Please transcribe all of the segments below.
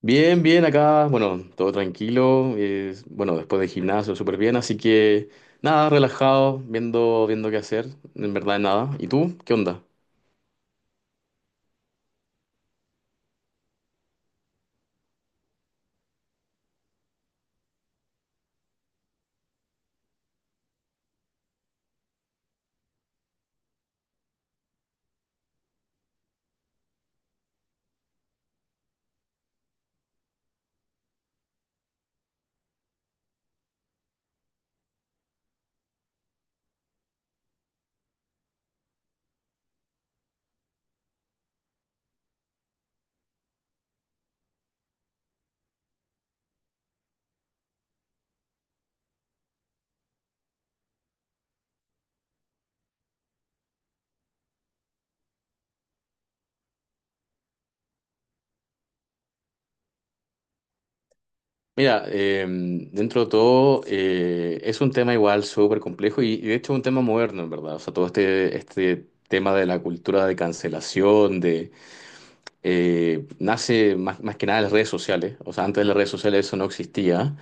Bien, bien, acá, bueno, todo tranquilo, bueno, después de gimnasio, súper bien, así que nada, relajado, viendo qué hacer, en verdad nada. ¿Y tú? ¿Qué onda? Mira, dentro de todo, es un tema igual súper complejo y de hecho es un tema moderno, en verdad, o sea, todo este tema de la cultura de cancelación, de, nace más que nada en las redes sociales, o sea, antes de las redes sociales eso no existía.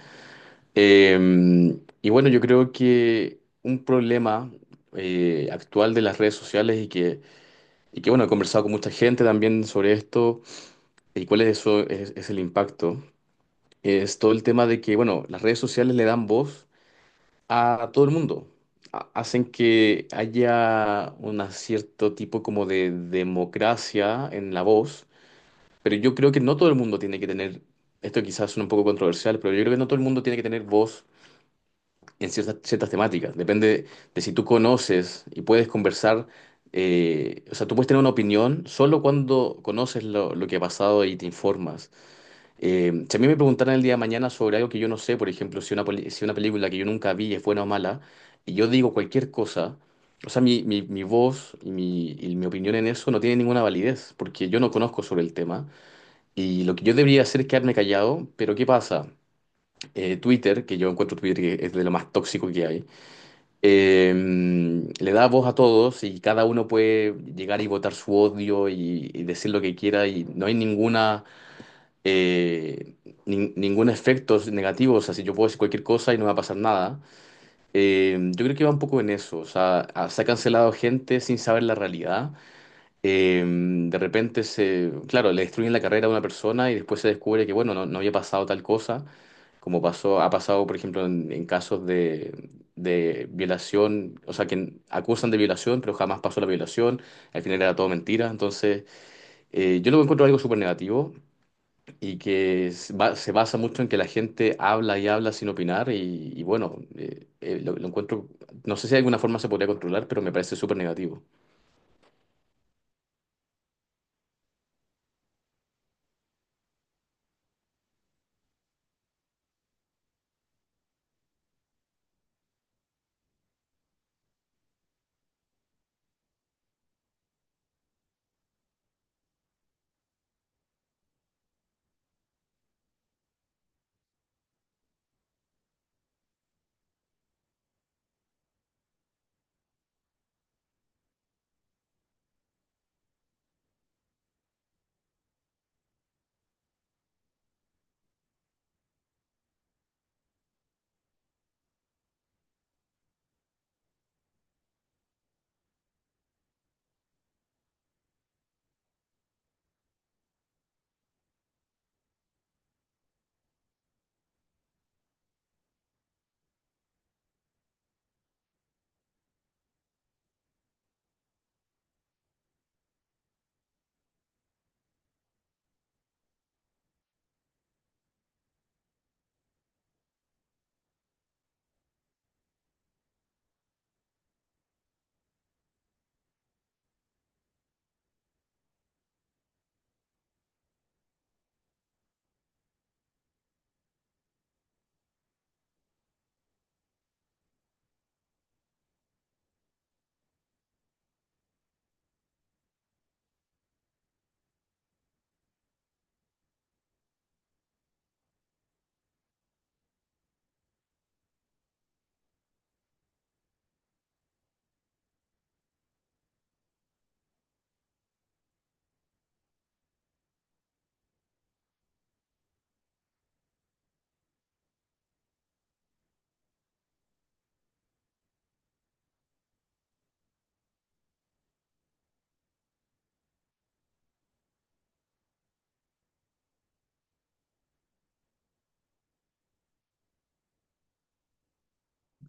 Y bueno, yo creo que un problema actual de las redes sociales y que, bueno, he conversado con mucha gente también sobre esto y cuál es, es el impacto, es todo el tema de que, bueno, las redes sociales le dan voz a todo el mundo. Hacen que haya un cierto tipo como de democracia en la voz, pero yo creo que no todo el mundo tiene que tener, esto quizás suena un poco controversial, pero yo creo que no todo el mundo tiene que tener voz en ciertas temáticas. Depende de si tú conoces y puedes conversar. O sea, tú puedes tener una opinión solo cuando conoces lo que ha pasado y te informas. Si a mí me preguntaran el día de mañana sobre algo que yo no sé, por ejemplo, si si una película que yo nunca vi es buena o mala, y yo digo cualquier cosa, o sea, mi voz y mi opinión en eso no tiene ninguna validez, porque yo no conozco sobre el tema. Y lo que yo debería hacer es quedarme callado, pero ¿qué pasa? Twitter, que yo encuentro Twitter que es de lo más tóxico que hay, le da voz a todos y cada uno puede llegar y votar su odio y decir lo que quiera y no hay eh, ningún efecto negativo, o sea, si yo puedo decir cualquier cosa y no va a pasar nada. Yo creo que va un poco en eso, o sea, se ha cancelado gente sin saber la realidad. De repente claro, le destruyen la carrera a una persona y después se descubre que, bueno, no había pasado tal cosa, como ha pasado, por ejemplo, en casos de violación, o sea, que acusan de violación, pero jamás pasó la violación, al final era todo mentira. Entonces, yo lo encuentro algo súper negativo y que se basa mucho en que la gente habla y habla sin opinar y bueno, lo encuentro, no sé si de alguna forma se podría controlar, pero me parece súper negativo.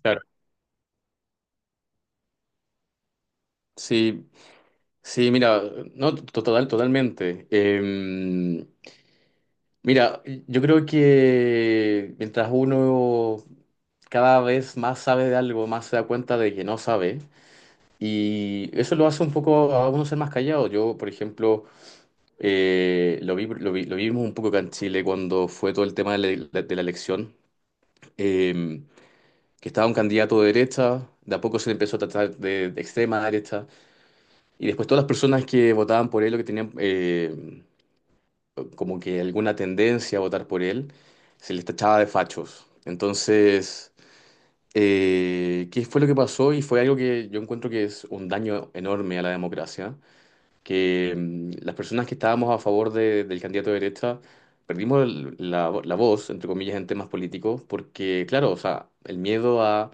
Claro. Sí, sí, mira, no, total, totalmente. Mira, yo creo que mientras uno cada vez más sabe de algo, más se da cuenta de que no sabe, y eso lo hace un poco a uno ser más callado. Yo, por ejemplo, lo vimos un poco acá en Chile cuando fue todo el tema de de la elección, eh, que estaba un candidato de derecha, de a poco se le empezó a tratar de extrema derecha, y después todas las personas que votaban por él, o que tenían... como que alguna tendencia a votar por él, se les tachaba de fachos. Entonces, ¿qué fue lo que pasó? Y fue algo que yo encuentro que es un daño enorme a la democracia, que las personas que estábamos a favor del candidato de derecha perdimos la voz, entre comillas, en temas políticos, porque, claro, o sea, el miedo a,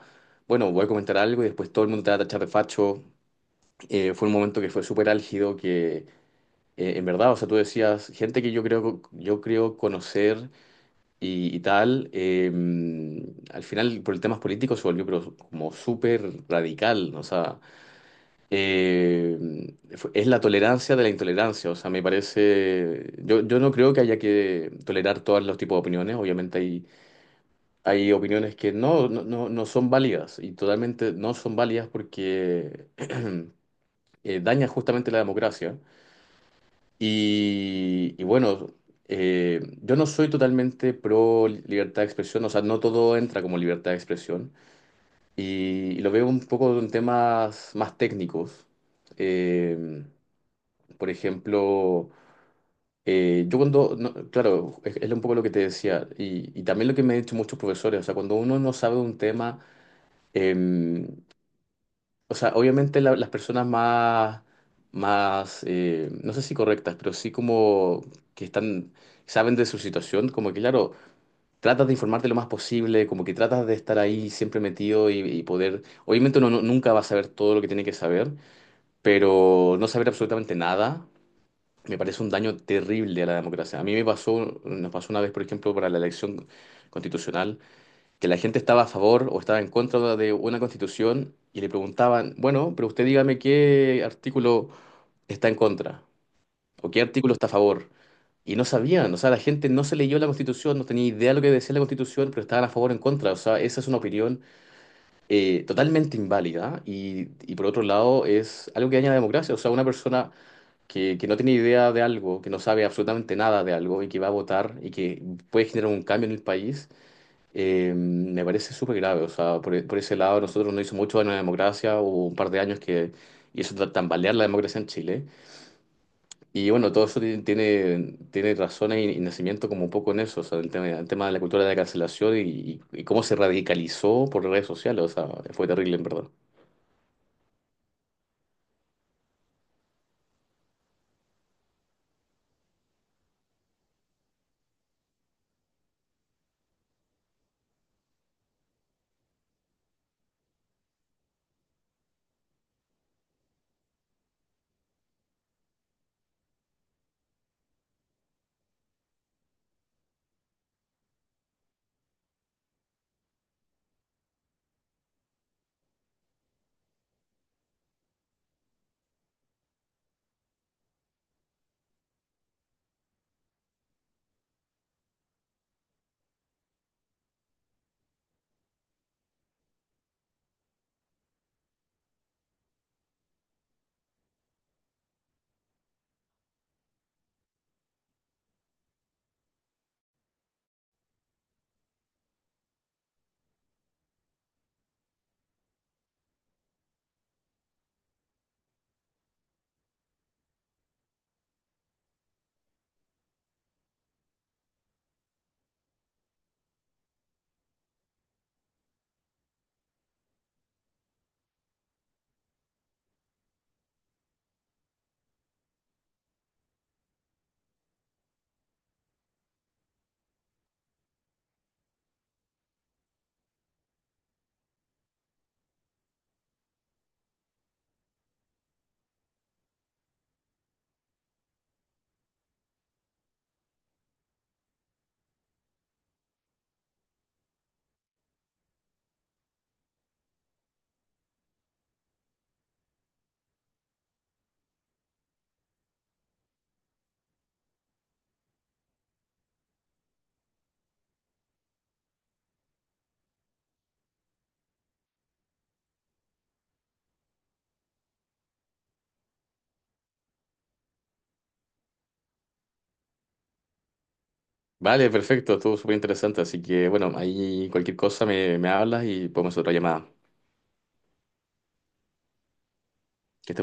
bueno, voy a comentar algo y después todo el mundo te va a tachar de facho. Fue un momento que fue súper álgido, que... En verdad, o sea, tú decías, gente que yo creo conocer y tal. Al final, por el temas políticos, se volvió pero como súper radical. ¿No? O sea, es la tolerancia de la intolerancia. O sea, me parece. Yo no creo que haya que tolerar todos los tipos de opiniones. Obviamente, hay opiniones que no son válidas y totalmente no son válidas porque dañan justamente la democracia. Y bueno, yo no soy totalmente pro libertad de expresión, o sea, no todo entra como libertad de expresión. Y lo veo un poco en temas más técnicos. Eh, por ejemplo, yo cuando, no, claro, es un poco lo que te decía, y también lo que me han dicho muchos profesores, o sea, cuando uno no sabe un tema, em, o sea, obviamente las personas más, más no sé si correctas, pero sí como que están, saben de su situación, como que claro, tratas de informarte lo más posible, como que tratas de estar ahí siempre metido y poder, obviamente uno nunca va a saber todo lo que tiene que saber, pero no saber absolutamente nada me parece un daño terrible a la democracia. A mí me pasó, nos pasó una vez, por ejemplo, para la elección constitucional que la gente estaba a favor o estaba en contra de una constitución y le preguntaban, bueno, pero usted dígame qué artículo está en contra o qué artículo está a favor. Y no sabían, o sea, la gente no se leyó la Constitución, no tenía idea de lo que decía la Constitución, pero estaban a favor o en contra. O sea, esa es una opinión totalmente inválida y por otro lado es algo que daña la democracia. O sea, una persona que no tiene idea de algo, que no sabe absolutamente nada de algo y que va a votar y que puede generar un cambio en el país, me parece súper grave, o sea, por ese lado nosotros no hizo mucho daño a la democracia, hubo un par de años que hizo tambalear la democracia en Chile. Y bueno, todo eso tiene razones y nacimiento como un poco en eso, o sea, el tema de la cultura de la cancelación y cómo se radicalizó por redes sociales, o sea, fue terrible en verdad. Vale, perfecto, estuvo súper interesante, así que bueno, ahí cualquier cosa me hablas y podemos hacer otra llamada. Que estés